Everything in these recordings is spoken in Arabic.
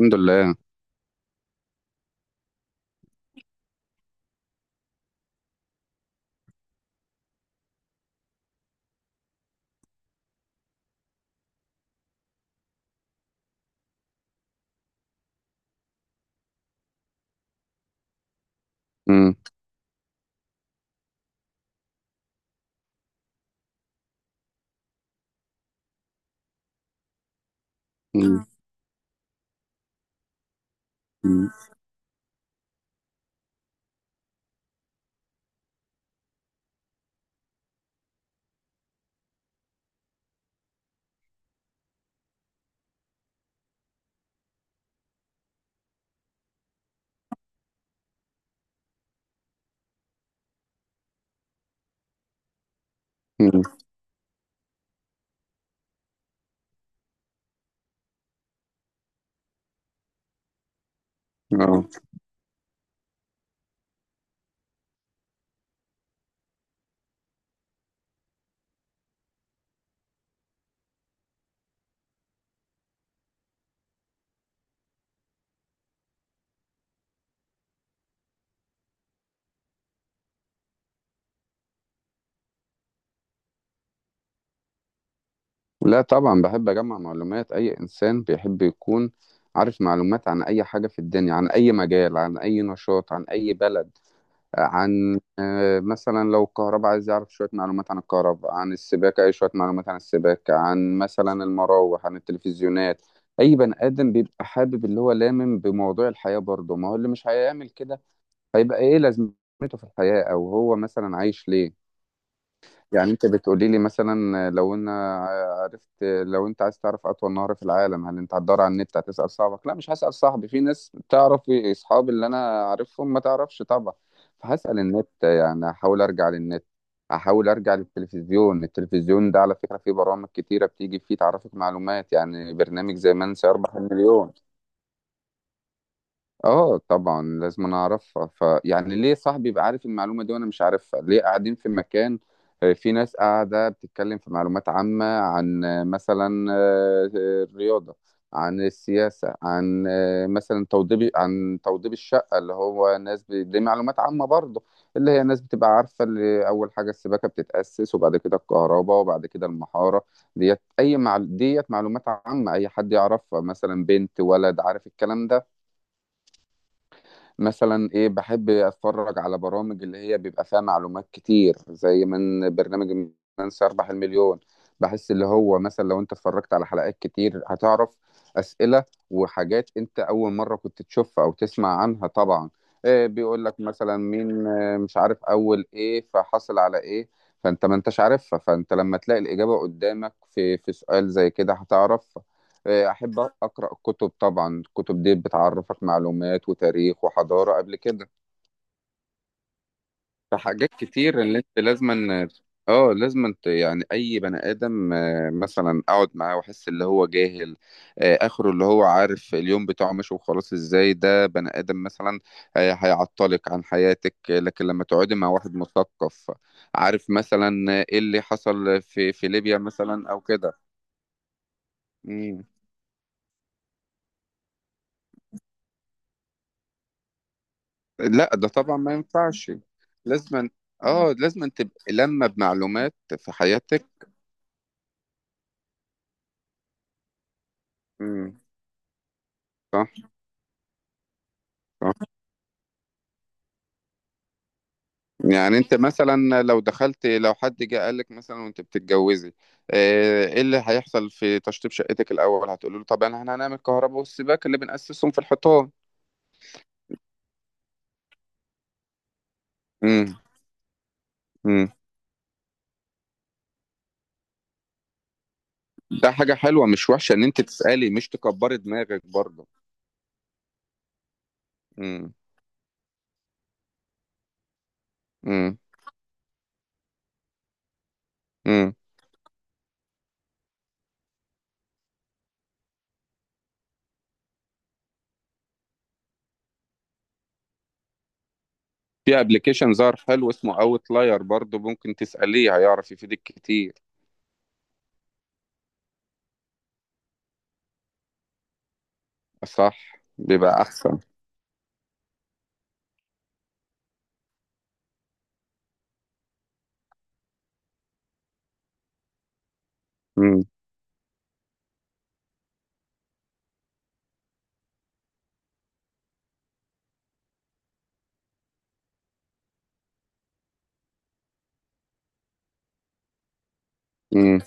الحمد لله. امم. امم. مم. امم. امم. اه. لا، طبعا بحب اجمع معلومات. اي انسان بيحب يكون عارف معلومات عن اي حاجه في الدنيا، عن اي مجال، عن اي نشاط، عن اي بلد، عن مثلا لو الكهرباء عايز يعرف شويه معلومات عن الكهرباء، عن السباكه، اي شويه معلومات عن السباكه، عن مثلا المراوح، عن التلفزيونات. اي بني ادم بيبقى حابب اللي هو بموضوع الحياه برضه. ما هو اللي مش هيعمل كده هيبقى ايه لازمته في الحياه، او هو مثلا عايش ليه؟ يعني انت بتقولي لي مثلا لو انا عرفت، لو انت عايز تعرف اطول نهر في العالم، هل انت هتدور على النت؟ هتسأل صاحبك؟ لا، مش هسأل صاحبي، في ناس تعرف اصحابي اللي انا عارفهم ما تعرفش طبعا. فهسأل النت، يعني احاول ارجع للنت، احاول ارجع للتلفزيون. التلفزيون ده على فكرة فيه برامج كتيرة بتيجي فيه تعرفك معلومات، يعني برنامج زي من سيربح المليون. اه طبعا لازم انا اعرفها، فيعني ليه صاحبي يبقى عارف المعلومه دي وانا مش عارفها؟ ليه؟ قاعدين في مكان، في ناس قاعده بتتكلم في معلومات عامه عن آه، مثلا آه، آه، الرياضه، عن السياسه، عن مثلا توضيب، عن توضيب الشقه اللي هو ناس دي معلومات عامه برضه، اللي هي ناس بتبقى عارفه، اللي اول حاجه السباكه بتتاسس، وبعد كده الكهرباء، وبعد كده المحاره. ديت ديت معلومات عامه اي حد يعرفها، مثلا بنت، ولد، عارف الكلام ده. مثلا ايه، بحب اتفرج على برامج اللي هي بيبقى فيها معلومات كتير، زي برنامج من سيربح المليون. بحس اللي هو مثلا لو انت اتفرجت على حلقات كتير هتعرف اسئله وحاجات انت اول مره كنت تشوفها او تسمع عنها طبعا. إيه، بيقول لك مثلا مين مش عارف اول ايه، فحصل على ايه. فانت ما انتش عارفها، فانت لما تلاقي الاجابه قدامك في سؤال زي كده هتعرف. أحب أقرأ الكتب. طبعا الكتب دي بتعرفك معلومات وتاريخ وحضارة قبل كده. فحاجات كتير اللي أنت لازما، اه لازما يعني أي بني آدم مثلا أقعد معاه وأحس اللي هو جاهل، آخره اللي هو عارف اليوم بتاعه ماشي وخلاص. إزاي ده بني آدم مثلا؟ هيعطلك عن حياتك. لكن لما تقعدي مع واحد مثقف، عارف مثلا إيه اللي حصل في ليبيا مثلا أو كده. مم. لا، ده طبعا ما ينفعش. لازما، اه، لازما تبقى لما بمعلومات في حياتك. امم. صح. صح. يعني انت مثلا لو دخلت، لو حد جه قال لك مثلا وانت بتتجوزي ايه اللي هيحصل في تشطيب شقتك الاول، هتقولي له طبعا احنا هنعمل كهرباء، والسباك اللي بنأسسهم في الحيطان. امم. امم. ده حاجة حلوة مش وحشة ان انت تسألي، مش تكبري دماغك برضه. امم. امم. امم. في ابلكيشن ظهر حلو اسمه اوتلاير برضه، ممكن تسأليه، هيعرف يفيدك كتير. صح بيبقى احسن. مم. مم.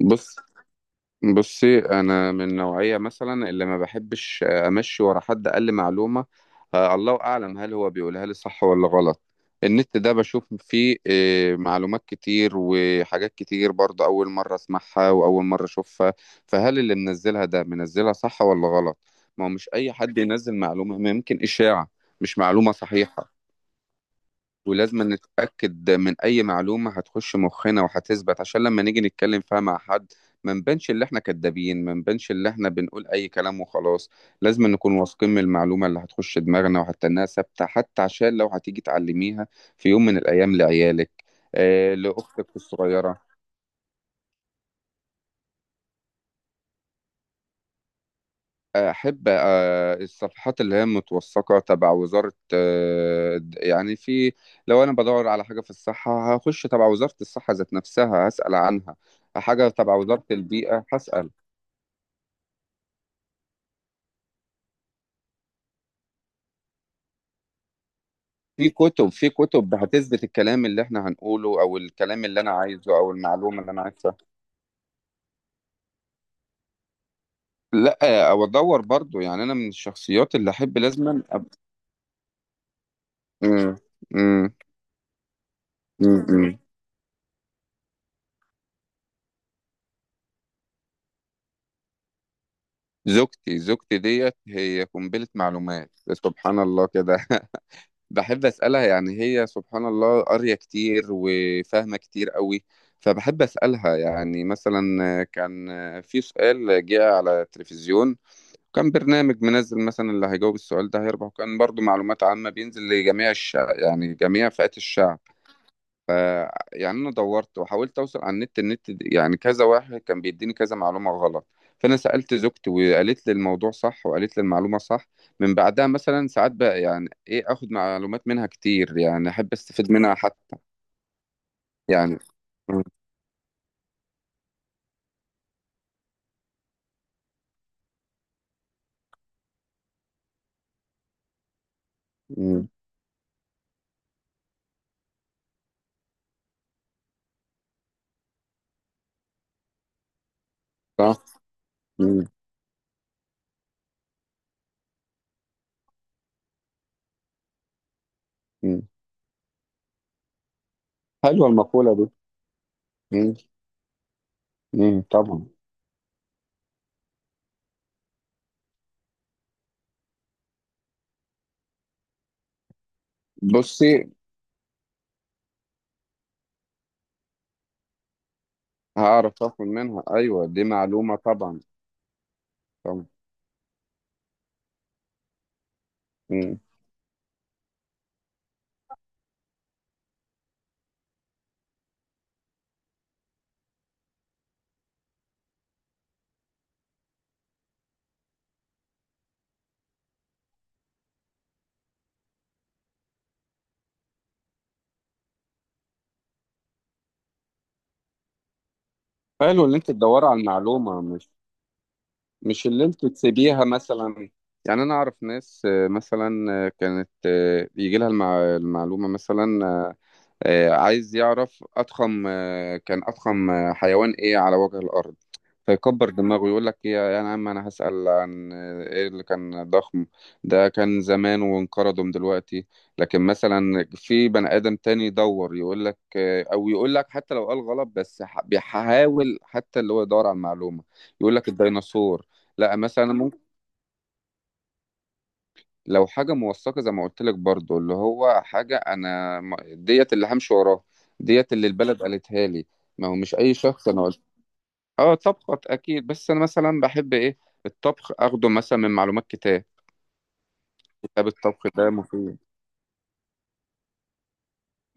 بص بصي انا من نوعية مثلا اللي ما بحبش امشي ورا حد قال لي معلومة، الله اعلم هل هو بيقولها لي صح ولا غلط. النت ده بشوف فيه معلومات كتير وحاجات كتير برضه اول مرة اسمعها واول مرة اشوفها، فهل اللي منزلها ده منزلها صح ولا غلط؟ ما هو مش اي حد ينزل معلومة، ما يمكن اشاعة، مش معلومة صحيحة. ولازم نتأكد من أي معلومة هتخش مخنا وهتثبت عشان لما نيجي نتكلم فيها مع حد، ما نبانش اللي احنا كدابين، ما نبانش اللي احنا بنقول أي كلام وخلاص. لازم نكون واثقين من المعلومة اللي هتخش دماغنا، وحتى إنها ثابتة، حتى عشان لو هتيجي تعلميها في يوم من الأيام لعيالك، آه، لأختك الصغيرة. احب الصفحات اللي هي متوثقه تبع وزاره، يعني في، لو انا بدور على حاجه في الصحه هخش تبع وزاره الصحه ذات نفسها هسال عنها. حاجه تبع وزاره البيئه هسال. في كتب، في كتب هتثبت الكلام اللي احنا هنقوله او الكلام اللي انا عايزه او المعلومه اللي انا عايزها. لا، او ادور برضو، يعني انا من الشخصيات اللي احب مم. مم. مم. مم. زوجتي ديت هي قنبله معلومات سبحان الله كده. بحب أسألها، يعني هي سبحان الله قارية كتير وفاهمة كتير قوي. فبحب أسألها يعني مثلا، كان في سؤال جه على التلفزيون، كان برنامج منزل مثلا اللي هيجاوب السؤال ده هيربح، وكان برضو معلومات عامة بينزل لجميع الشعب، يعني جميع فئات الشعب. ف يعني انا دورت وحاولت اوصل على النت، يعني كذا واحد كان بيديني كذا معلومه غلط. فانا سالت زوجتي وقالت لي الموضوع صح وقالت لي المعلومه صح. من بعدها مثلا ساعات بقى يعني ايه اخد معلومات منها كتير، يعني احب استفيد منها حتى، يعني. مم. مم. صح. مم. مم. حلوه المقوله دي. مم. مم. طبعا. بصي هعرف اخد منها، ايوه دي معلومه طبعا. طبعا. مم. حلو ان انت تدوري على المعلومه، مش اللي انتوا تسيبيها مثلا. يعني انا اعرف ناس آه، مثلا آه، كانت آه، يجي لها المعلومه مثلا، عايز يعرف أضخم، كان أضخم حيوان إيه على وجه الأرض. فيكبر دماغه يقول لك إيه يا عم، أنا هسأل عن إيه اللي كان ضخم؟ ده كان زمان وانقرضوا من دلوقتي. لكن مثلا في بني آدم تاني يدور يقول لك أو يقول لك حتى لو قال غلط، بس بيحاول حتى اللي هو يدور على المعلومة، يقول لك الديناصور. لا، مثلا لو حاجة موثقة زي ما قلت لك برضو، اللي هو حاجة ديت اللي همشي وراها، ديت اللي البلد قالتها لي. ما هو مش أي شخص، أنا قلت. أه، طبخة أكيد، بس أنا مثلا بحب إيه، الطبخ أخده مثلا من معلومات كتاب. كتاب الطبخ ده مفيد.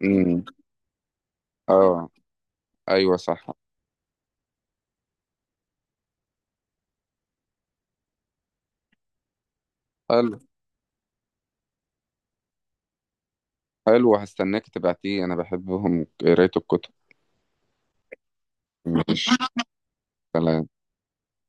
امم. أه. أيوه صح. حلو. حلو، هستناك تبعتيه، أنا بحبهم قراية الكتب. ماشي. سلام.